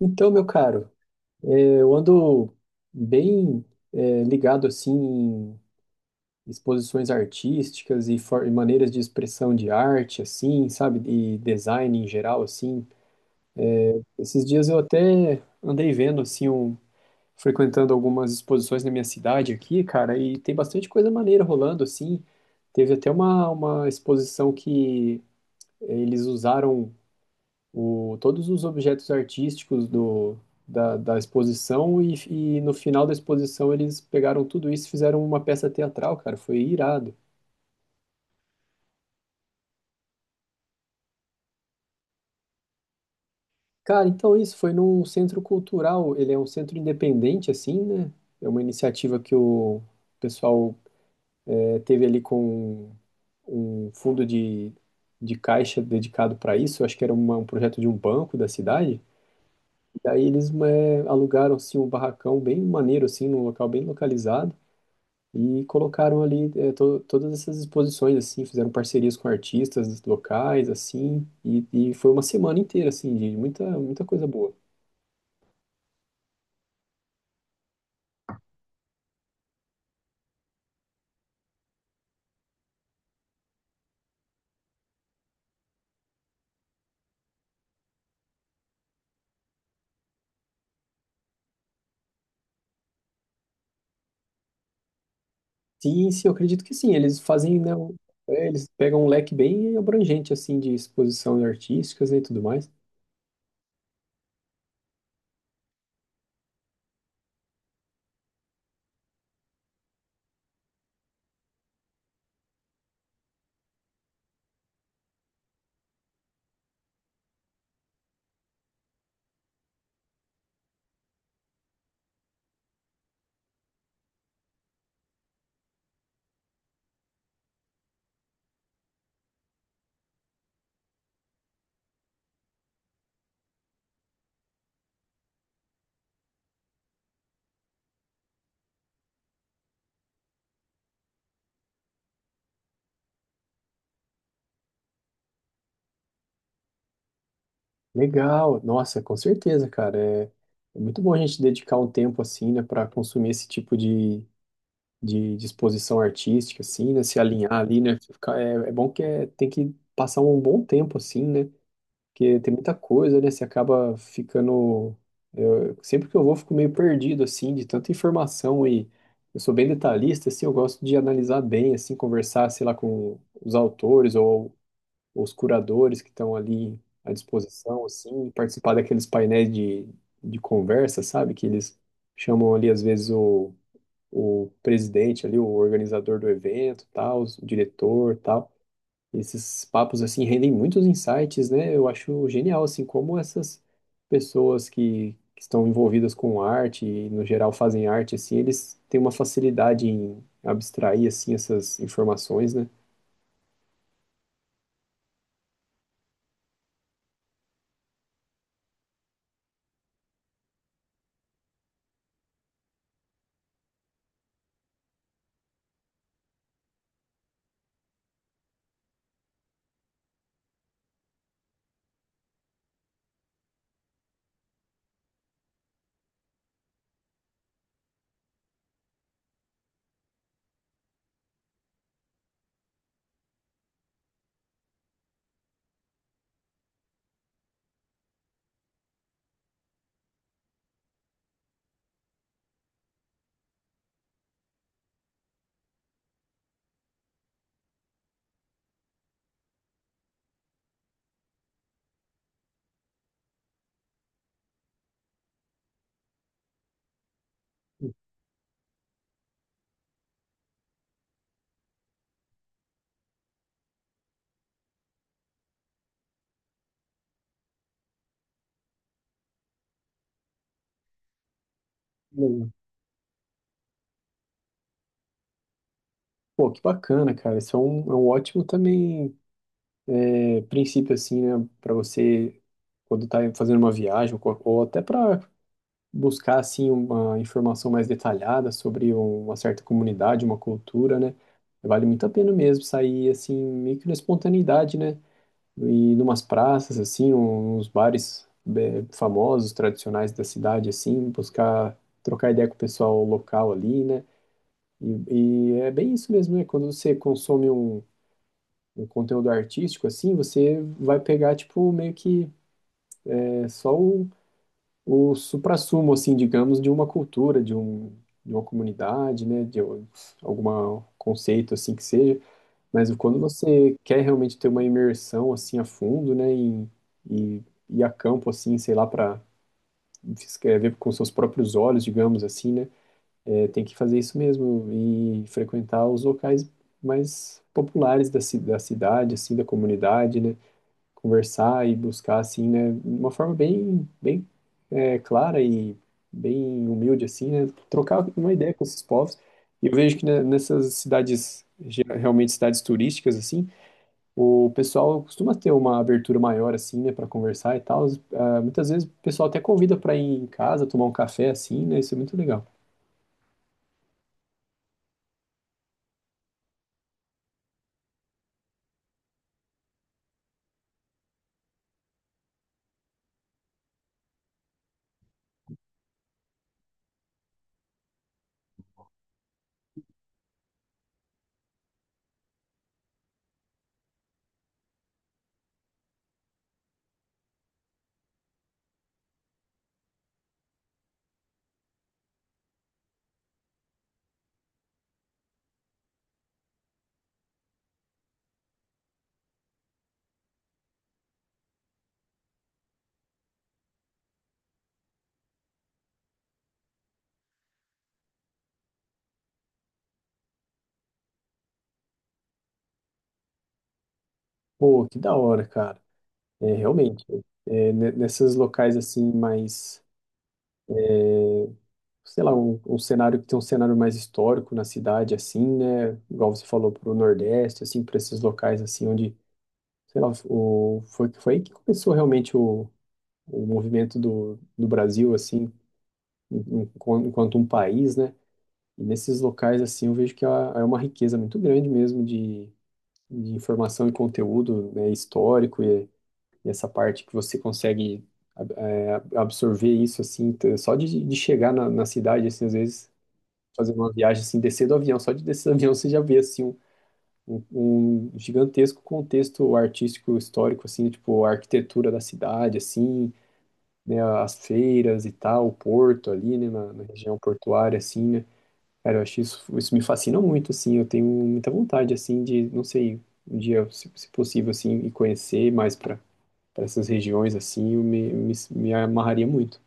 Então, meu caro, eu ando bem ligado assim em exposições artísticas e, e maneiras de expressão de arte, assim, sabe, e design em geral, assim. Esses dias eu até andei vendo assim, frequentando algumas exposições na minha cidade aqui, cara, e tem bastante coisa maneira rolando assim. Teve até uma exposição que eles usaram todos os objetos artísticos da exposição e no final da exposição eles pegaram tudo isso e fizeram uma peça teatral, cara. Foi irado. Cara, então isso foi num centro cultural. Ele é um centro independente, assim, né? É uma iniciativa que o pessoal teve ali com um fundo de caixa dedicado para isso. Eu acho que era um projeto de um banco da cidade. Daí eles alugaram assim, um barracão bem maneiro, assim, num local bem localizado. E colocaram ali todas essas exposições, assim, fizeram parcerias com artistas locais, assim, e foi uma semana inteira, assim, de muita, muita coisa boa. Sim, sim, eu acredito que sim, eles fazem, né, eles pegam um leque bem abrangente, assim, de exposição artísticas, né, e tudo mais. Legal, nossa, com certeza, cara, é, é muito bom a gente dedicar um tempo, assim, né, para consumir esse tipo de exposição artística, assim, né, se alinhar ali, né, ficar, é, é bom que é, tem que passar um bom tempo, assim, né. Porque tem muita coisa, né? Você acaba ficando. Sempre que eu vou, fico meio perdido, assim, de tanta informação. E eu sou bem detalhista, assim, eu gosto de analisar bem, assim, conversar, sei lá, com os autores ou os curadores que estão ali à disposição, assim, participar daqueles painéis de conversa, sabe? Que eles chamam ali, às vezes, o presidente ali, o organizador do evento, tal, o diretor, tal. Esses papos assim rendem muitos insights, né? Eu acho genial assim como essas pessoas que estão envolvidas com arte e no geral fazem arte assim, eles têm uma facilidade em abstrair assim essas informações, né? Legal. Pô, que bacana, cara. Isso é é um ótimo também princípio assim, né, para você quando tá fazendo uma viagem ou, ou até para buscar assim uma informação mais detalhada sobre uma certa comunidade, uma cultura, né? Vale muito a pena mesmo sair assim meio que na espontaneidade, né? E numas praças assim, uns bares famosos, tradicionais da cidade assim, buscar trocar ideia com o pessoal local ali, né? E, e é bem isso mesmo, né? Quando você consome um conteúdo artístico assim, você vai pegar tipo meio que só o suprassumo, assim, digamos, de uma cultura, de uma comunidade, né, algum conceito, assim, que seja. Mas quando você quer realmente ter uma imersão, assim, a fundo, né, em, e ir a campo, assim, sei lá, para ver com seus próprios olhos, digamos assim, né, é, tem que fazer isso mesmo e frequentar os locais mais populares da cidade, assim, da comunidade, né, conversar e buscar, assim, né? Uma forma bem, bem clara e bem humilde, assim, né? Trocar uma ideia com esses povos. E eu vejo que, né, nessas cidades, realmente cidades turísticas, assim, o pessoal costuma ter uma abertura maior, assim, né, para conversar e tal. Ah, muitas vezes o pessoal até convida para ir em casa tomar um café, assim, né? Isso é muito legal. Pô, que da hora, cara. É, realmente. É, nesses locais, assim, mais sei lá, um cenário que tem um cenário mais histórico na cidade, assim, né? Igual você falou, para o Nordeste, assim, para esses locais, assim, onde, sei lá, foi, foi aí que começou realmente o movimento do Brasil, assim, enquanto um país, né? E nesses locais, assim, eu vejo que há, há uma riqueza muito grande mesmo de informação e conteúdo, né, histórico e essa parte que você consegue absorver isso, assim, só de chegar na cidade, assim, às vezes fazer uma viagem assim, descer do avião, só de descer do avião você já vê assim um- um gigantesco contexto artístico histórico assim, tipo a arquitetura da cidade assim, né, as feiras e tal, o porto ali, né, na região portuária assim, né? Cara, eu acho isso, isso me fascina muito assim, eu tenho muita vontade assim de, não sei, um dia, se possível assim, e conhecer mais para para essas regiões assim, eu me amarraria muito.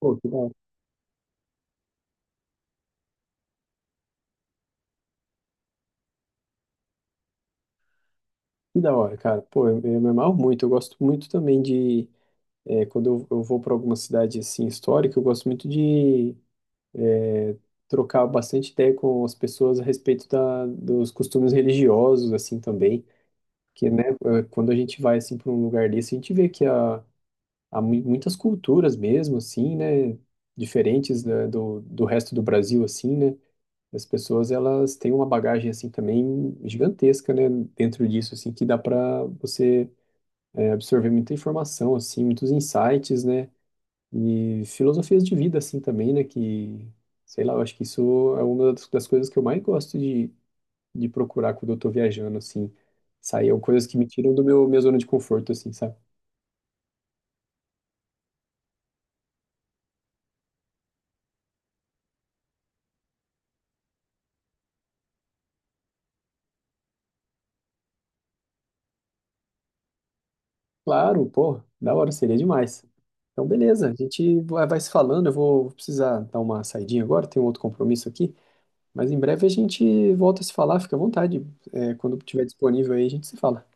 Pô, que da hora, cara. Pô, eu me amarro muito, eu gosto muito também de. É, quando eu vou para alguma cidade assim histórica, eu gosto muito de é, trocar bastante ideia com as pessoas a respeito dos costumes religiosos assim também, que, né, quando a gente vai assim para um lugar desse, a gente vê que há, há muitas culturas mesmo assim, né, diferentes, né, do resto do Brasil assim, né? As pessoas elas têm uma bagagem assim também gigantesca, né, dentro disso assim que dá para você absorver muita informação assim, muitos insights, né? E filosofias de vida, assim, também, né? Que, sei lá, eu acho que isso é uma das coisas que eu mais gosto de procurar quando eu tô viajando, assim. Sair coisas que me tiram do meu, minha zona de conforto, assim, sabe? Claro, pô, da hora, seria demais. Então, beleza, a gente vai se falando. Eu vou precisar dar uma saidinha agora, tenho outro compromisso aqui. Mas em breve a gente volta a se falar, fica à vontade. É, quando tiver disponível aí, a gente se fala.